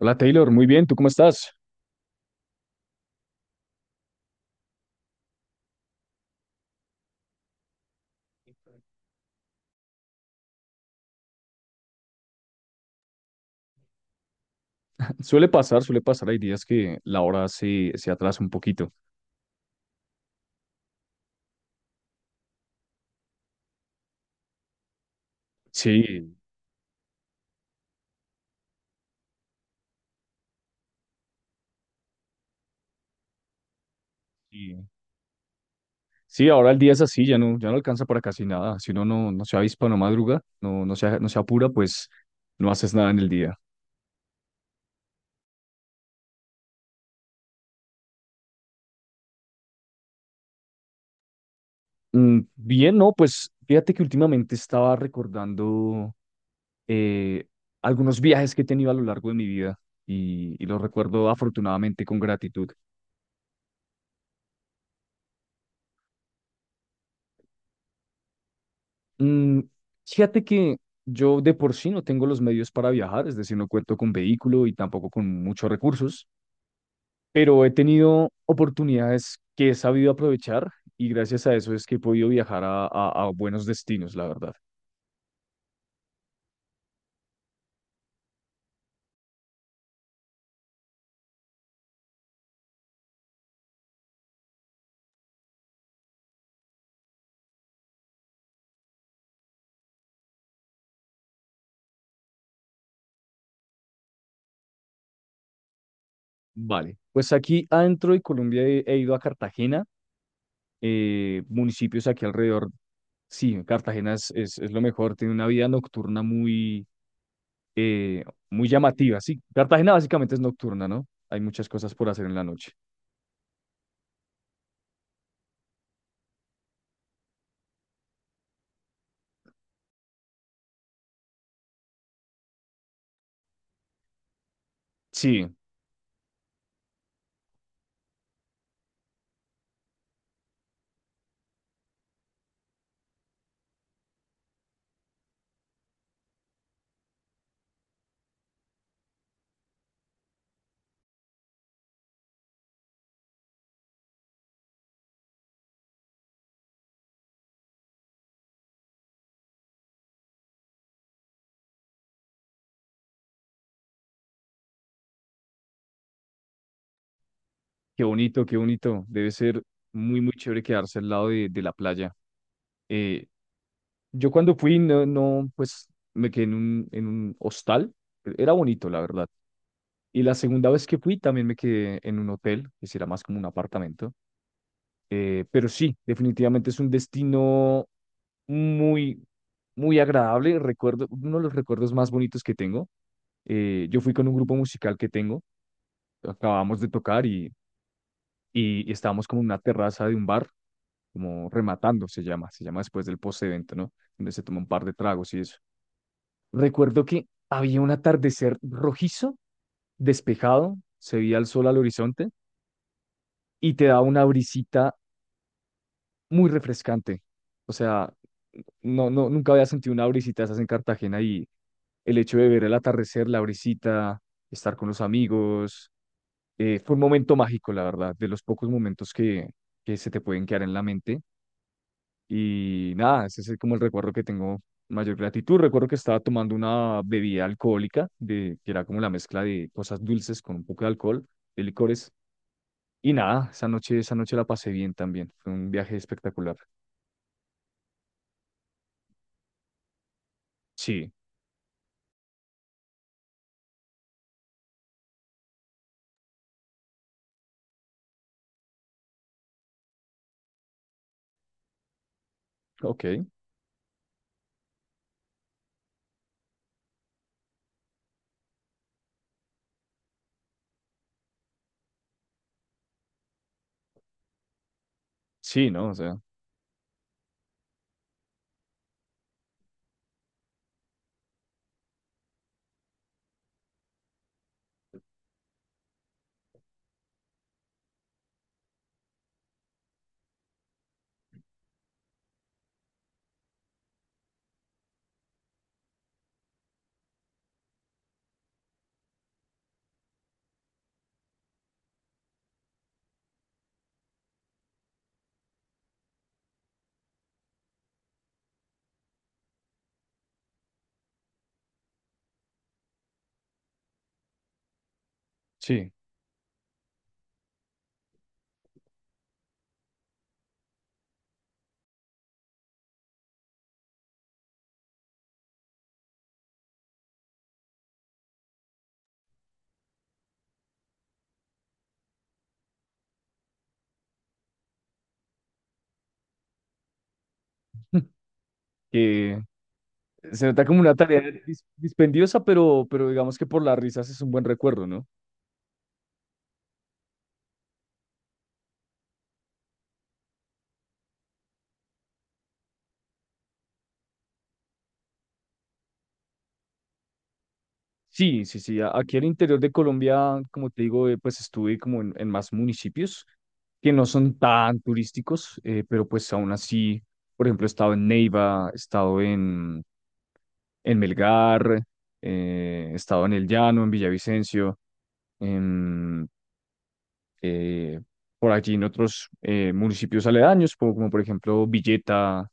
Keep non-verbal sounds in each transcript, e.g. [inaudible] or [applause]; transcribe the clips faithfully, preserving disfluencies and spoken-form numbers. Hola Taylor, muy bien, ¿tú cómo estás? Suele pasar, suele pasar, hay días que la hora se, se atrasa un poquito. Sí, sí. Sí, ahora el día es así, ya no, ya no alcanza para casi nada. Si uno no, no se avispa, no madruga, no, no se, no se apura, pues no haces nada en el día. Mm, bien, no, pues fíjate que últimamente estaba recordando eh, algunos viajes que he tenido a lo largo de mi vida y, y los recuerdo afortunadamente con gratitud. Mm, Fíjate que yo de por sí no tengo los medios para viajar, es decir, no cuento con vehículo y tampoco con muchos recursos, pero he tenido oportunidades que he sabido aprovechar y gracias a eso es que he podido viajar a, a- a buenos destinos, la verdad. Vale, pues aquí adentro de Colombia he, he ido a Cartagena, eh, municipios aquí alrededor. Sí, Cartagena es, es, es lo mejor, tiene una vida nocturna muy, eh, muy llamativa. Sí, Cartagena básicamente es nocturna, ¿no? Hay muchas cosas por hacer en la noche. Sí, qué bonito, qué bonito. Debe ser muy, muy chévere quedarse al lado de, de la playa. Eh, yo cuando fui, no, no, pues me quedé en un, en un hostal. Era bonito, la verdad. Y la segunda vez que fui también me quedé en un hotel, que sí era más como un apartamento. Eh, pero sí, definitivamente es un destino muy, muy agradable. Recuerdo, uno de los recuerdos más bonitos que tengo. Eh, yo fui con un grupo musical que tengo. Acabamos de tocar y y, y estábamos como en una terraza de un bar, como rematando se llama, se llama después del post-evento, ¿no? Donde se toma un par de tragos y eso. Recuerdo que había un atardecer rojizo, despejado, se veía el sol al horizonte y te daba una brisita muy refrescante. O sea, no, no, nunca había sentido una brisita de esas en Cartagena y el hecho de ver el atardecer, la brisita, estar con los amigos, eh, fue un momento mágico, la verdad, de los pocos momentos que, que se te pueden quedar en la mente. Y nada, ese es como el recuerdo que tengo mayor gratitud. Recuerdo que estaba tomando una bebida alcohólica, de, que era como la mezcla de cosas dulces con un poco de alcohol, de licores. Y nada, esa noche, esa noche la pasé bien también. Fue un viaje espectacular. Sí, ok. Sí, ¿no? O sea, sí. [laughs] Que se nota como una tarea dis- dispendiosa, pero, pero digamos que por las risas es un buen recuerdo, ¿no? Sí, sí, sí. a- Aquí al interior de Colombia, como te digo, eh, pues estuve como en, en más municipios que no son tan turísticos, eh, pero pues aún así, por ejemplo, he estado en Neiva, he estado en, en Melgar, eh, he estado en El Llano, en Villavicencio, en, eh, por allí en otros eh, municipios aledaños, como, como por ejemplo Villeta,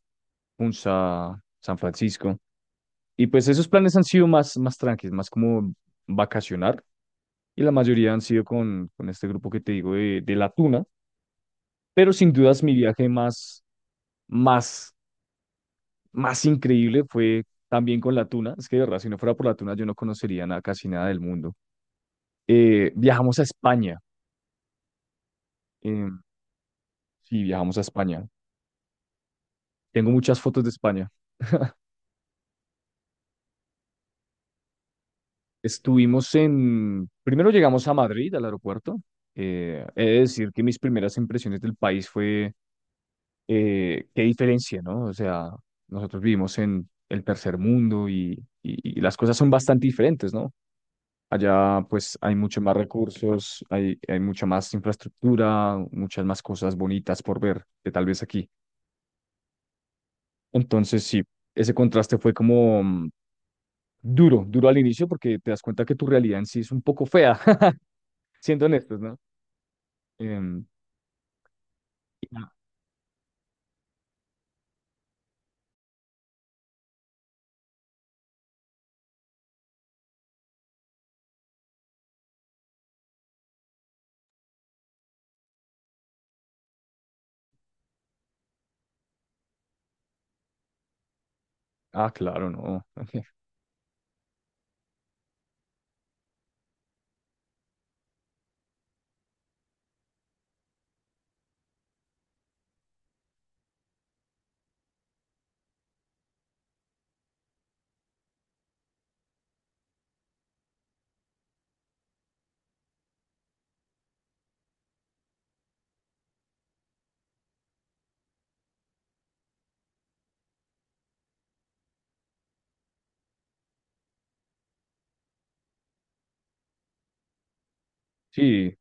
Punza, San Francisco. Y pues esos planes han sido más, más tranquilos, más como vacacionar y la mayoría han sido con, con este grupo que te digo de, de La Tuna, pero sin dudas mi viaje más, más, más increíble fue también con La Tuna, es que de verdad, si no fuera por La Tuna yo no conocería nada, casi nada del mundo. Eh, viajamos a España, eh, sí, viajamos a España, tengo muchas fotos de España. Estuvimos en, primero llegamos a Madrid, al aeropuerto, eh, he de decir que mis primeras impresiones del país fue eh, qué diferencia, ¿no? O sea, nosotros vivimos en el tercer mundo y, y- y las cosas son bastante diferentes, ¿no? Allá pues hay mucho más recursos, hay, hay mucha más infraestructura, muchas más cosas bonitas por ver que tal vez aquí. Entonces sí, ese contraste fue como mm, duro, duro al inicio porque te das cuenta que tu realidad en sí es un poco fea, [laughs] siendo honestos, ¿no? Em, y- ah, claro, no. [laughs] Sí,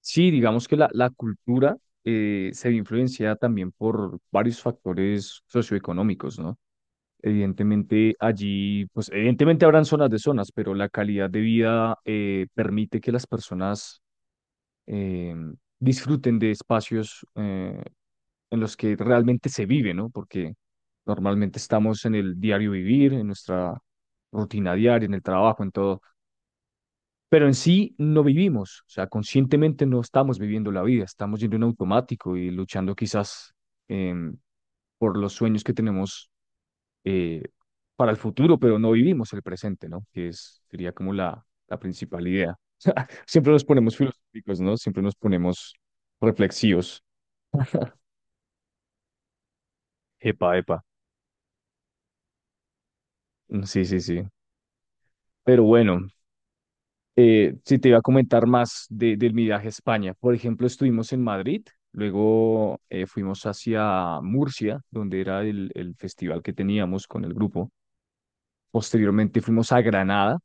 sí, digamos que la, la cultura eh, se ve influenciada también por varios factores socioeconómicos, ¿no? Evidentemente allí, pues evidentemente habrán zonas de zonas, pero la calidad de vida eh, permite que las personas eh, disfruten de espacios eh, en los que realmente se vive, ¿no? Porque normalmente estamos en el diario vivir, en nuestra rutina diaria, en el trabajo, en todo, pero en sí no vivimos, o sea, conscientemente no estamos viviendo la vida, estamos yendo en automático y luchando quizás em, por los sueños que tenemos eh, para el futuro, pero no vivimos el presente, ¿no? Que es, sería como la, la principal idea. [laughs] Siempre nos ponemos filosóficos, ¿no? Siempre nos ponemos reflexivos. Epa, epa. Mm, sí, sí, sí. Pero bueno, Eh, sí, te iba a comentar más de, del mi viaje a España. Por ejemplo, estuvimos en Madrid, luego eh, fuimos hacia Murcia, donde era el, el festival que teníamos con el grupo. Posteriormente fuimos a Granada,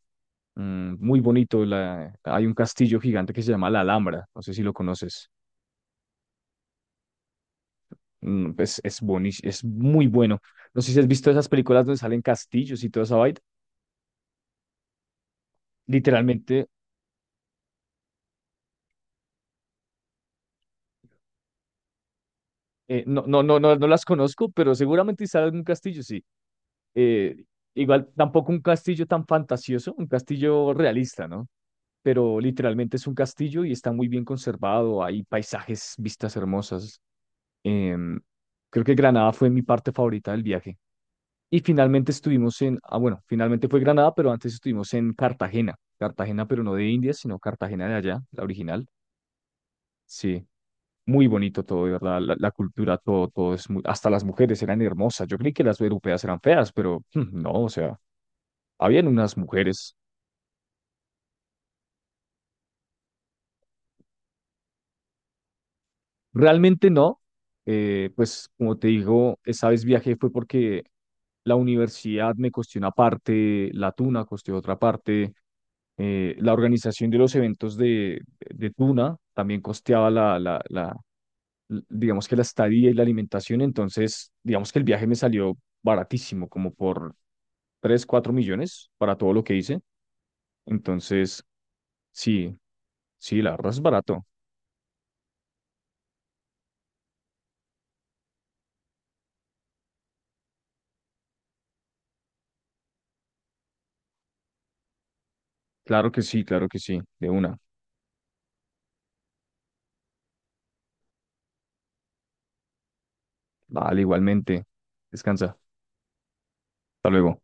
mm, muy bonito. La- hay un castillo gigante que se llama La Alhambra, no sé si lo conoces. Mm, pues es boni- es muy bueno. No sé si has visto esas películas donde salen castillos y toda esa vaina. Literalmente, eh, no, no, no, no, no las conozco, pero seguramente salen en un castillo, sí. eh, Igual tampoco un castillo tan fantasioso, un castillo realista, ¿no? Pero literalmente es un castillo y está muy bien conservado, hay paisajes, vistas hermosas. Em, Creo que Granada fue mi parte favorita del viaje. Y finalmente estuvimos en, ah, bueno, finalmente fue Granada, pero antes estuvimos en Cartagena. Cartagena, pero no de India, sino Cartagena de allá, la original. Sí, muy bonito todo, de verdad. La, la cultura, todo, todo es muy, hasta las mujeres eran hermosas. Yo creí que las europeas eran feas, pero hmm, no, o sea, habían unas mujeres. Realmente no. Eh, pues como te digo, esa vez viajé fue porque la universidad me costó una parte, la Tuna costó otra parte, eh, la organización de los eventos de, de Tuna también costeaba la, la, la, l- digamos que la estadía y la alimentación, entonces digamos que el viaje me salió baratísimo, como por tres o cuatro millones para todo lo que hice, entonces sí, sí, la verdad es barato, claro que sí, claro que sí, de una. Vale, igualmente. Descansa. Hasta luego.